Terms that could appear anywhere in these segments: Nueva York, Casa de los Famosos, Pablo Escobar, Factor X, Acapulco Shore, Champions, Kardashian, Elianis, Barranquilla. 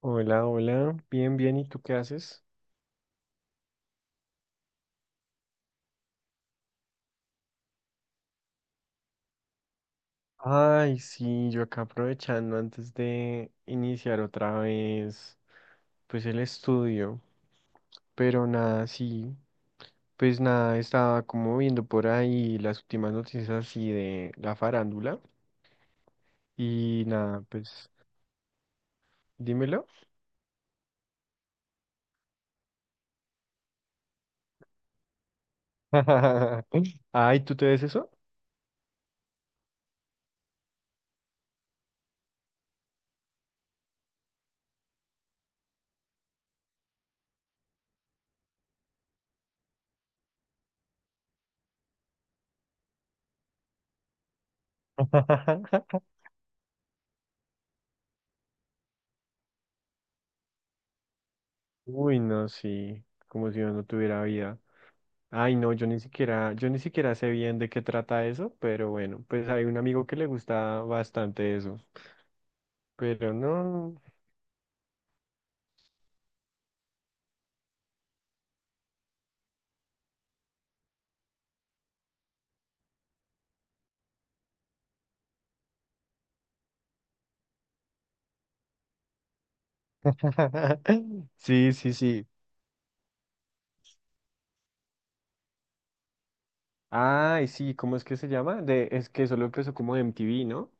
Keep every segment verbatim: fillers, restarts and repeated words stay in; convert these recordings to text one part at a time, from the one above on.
Hola, hola. Bien, bien. ¿Y tú qué haces? Ay, sí, yo acá aprovechando antes de iniciar otra vez, pues el estudio. Pero nada, sí. Pues nada, estaba como viendo por ahí las últimas noticias así de la farándula. Y nada, pues dímelo. Ay, ¿tú te ves eso? Uy, no, sí. Como si yo no tuviera vida. Ay, no, yo ni siquiera, yo ni siquiera sé bien de qué trata eso, pero bueno, pues hay un amigo que le gusta bastante eso, pero no. Sí, sí, sí. Ay, sí, ¿cómo es que se llama? De, es que solo empezó como M T V, ¿no?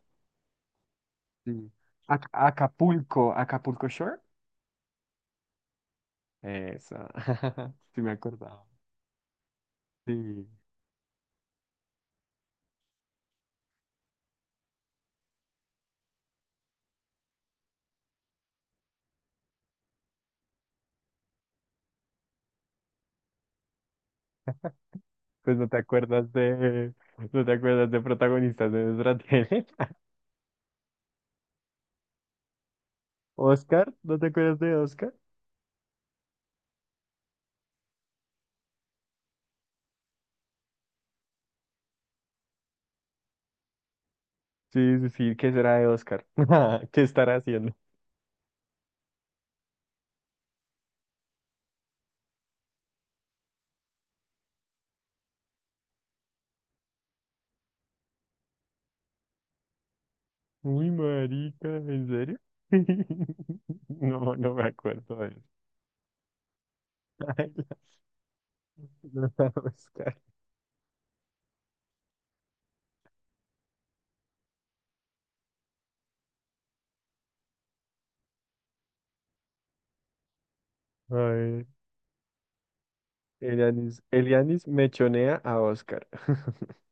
Sí. Ac- Acapulco, Acapulco Shore. Esa. Sí me acordaba. Sí. Pues no te acuerdas de, no te acuerdas de protagonistas de nuestra tele. Oscar, ¿no te acuerdas de Oscar? Sí, sí, sí, ¿qué será de Oscar? ¿Qué estará haciendo? Uy, marica, ¿en serio? No, no me acuerdo de él. Ay, la- la Oscar. A ver, Elianis, Elianis mechonea a Oscar.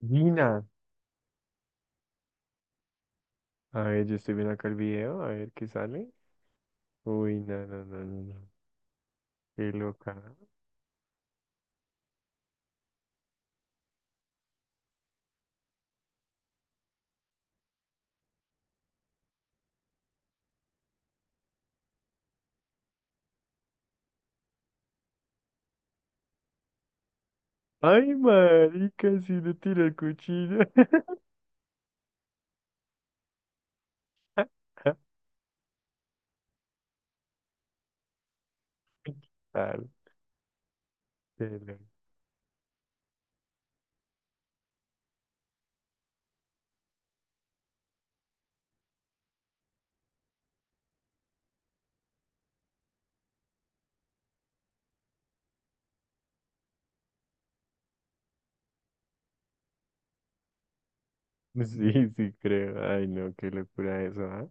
Nina. A ver, yo estoy viendo acá el video, a ver qué sale. Uy, no, no, no, no, no. Qué loca. Ay, marica, si le tira el cuchillo. Tal, qué loco. Sí, sí, creo. Ay, no, qué locura eso, ¿ah?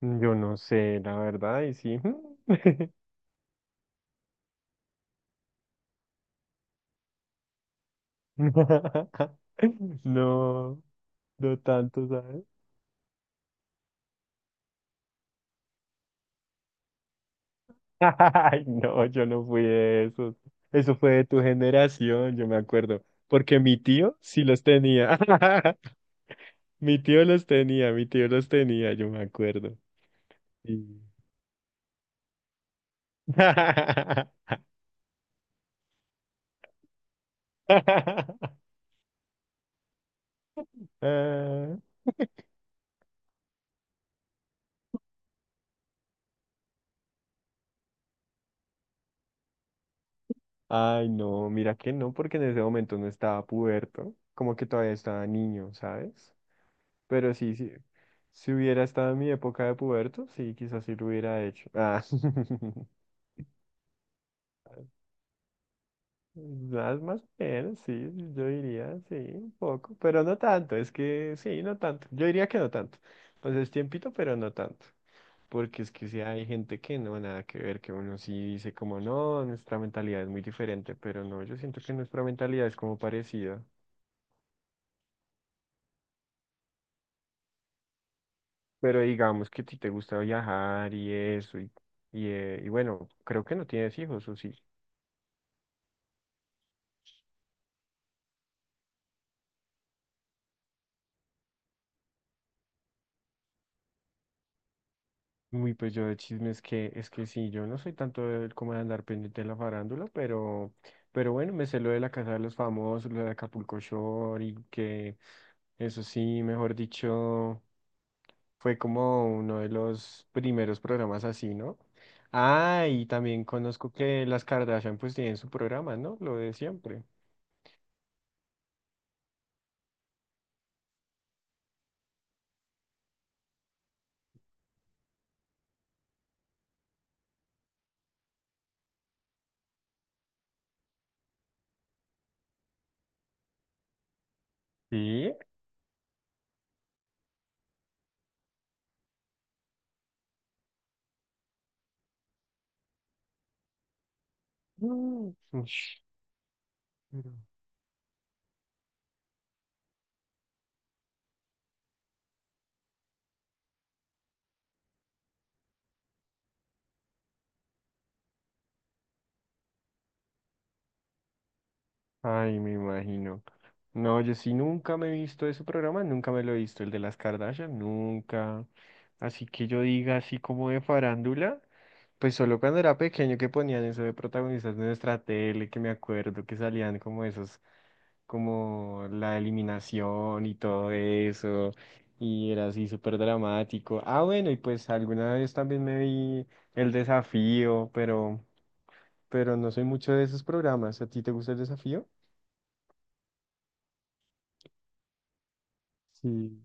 Yo no sé, la verdad, y sí. No, no tanto, ¿sabes? Ay, no, yo no fui de esos. Eso fue de tu generación, yo me acuerdo. Porque mi tío sí los tenía. Mi tío los tenía, mi tío los tenía, yo me acuerdo. Sí. Ah, Ay, no, mira que no, porque en ese momento no estaba puberto, como que todavía estaba niño, ¿sabes? Pero sí, sí. Si hubiera estado en mi época de puberto, sí, quizás sí lo hubiera hecho. Ah. Más, más o menos, sí, yo diría, sí, un poco, pero no tanto, es que sí, no tanto. Yo diría que no tanto. Pues es tiempito, pero no tanto. Porque es que sí hay gente que no, nada que ver, que uno sí dice como, no, nuestra mentalidad es muy diferente, pero no, yo siento que nuestra mentalidad es como parecida. Pero digamos que a ti te gusta viajar y eso, y, y, eh, y bueno, creo que no tienes hijos, ¿o sí? Uy, pues yo de chisme es que, es que sí, yo no soy tanto de- como de andar pendiente de la farándula, pero, pero bueno, me sé lo de la Casa de los Famosos, lo de Acapulco Shore y que eso sí, mejor dicho, fue como uno de los primeros programas así, ¿no? Ah, y también conozco que las Kardashian pues tienen su programa, ¿no? Lo de siempre. Sí. Mm, ush. Ay, me imagino. No, yo sí nunca me he visto ese programa, nunca me lo he visto, el de las Kardashian, nunca. Así que yo diga así como de farándula, pues solo cuando era pequeño que ponían eso de protagonistas de nuestra tele, que me acuerdo que salían como esos, como la eliminación y todo eso, y era así súper dramático. Ah, bueno, y pues alguna vez también me vi el desafío, pero, pero no soy mucho de esos programas. ¿A ti te gusta el desafío? Sí,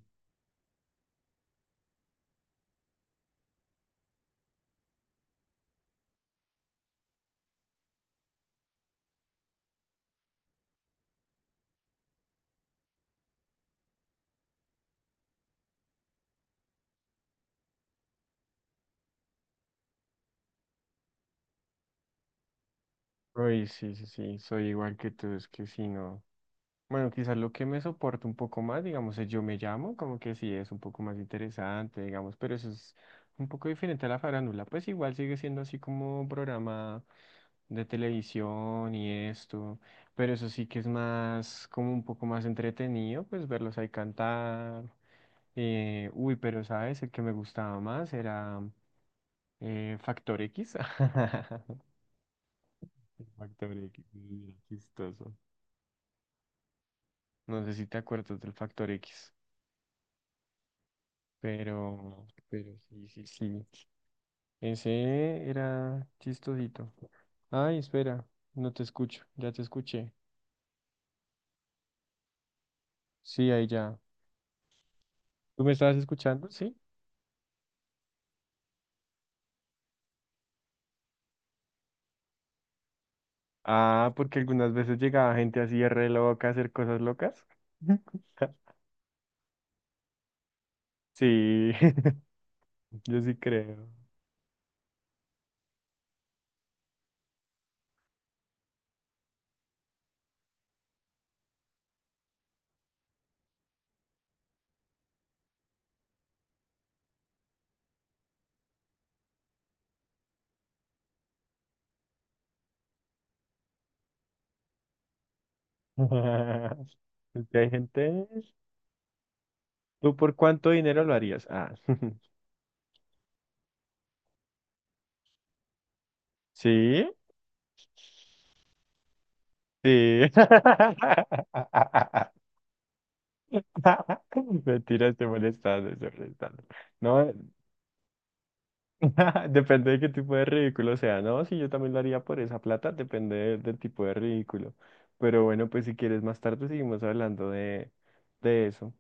uy, sí, sí, sí, soy igual que tú, es que sí no. Bueno, quizás lo que me soporta un poco más, digamos, es yo me llamo, como que sí es un poco más interesante, digamos, pero eso es un poco diferente a la farándula, pues igual sigue siendo así como un programa de televisión y esto, pero eso sí que es más, como un poco más entretenido, pues verlos ahí cantar. Eh, uy, pero sabes, el que me gustaba más era eh, Factor X. Factor X, sí, era chistoso. No sé si te acuerdas del factor X, pero, pero sí, sí, sí. Ese era chistosito. Ay, espera, no te escucho, ya te escuché. Sí, ahí ya. ¿Tú me estabas escuchando? Sí. Ah, porque algunas veces llegaba gente así re loca a hacer cosas locas. Sí, yo sí creo. Es que hay gente. ¿Tú por cuánto dinero lo harías? Ah, sí, sí. Mentira, estoy molestando, estoy molestando. No, depende de qué tipo de ridículo sea. No, sí, yo también lo haría por esa plata, depende de- del tipo de ridículo. Pero bueno, pues si quieres más tarde seguimos hablando de, de eso.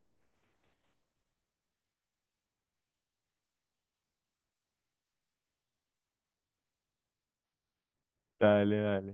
Dale, dale.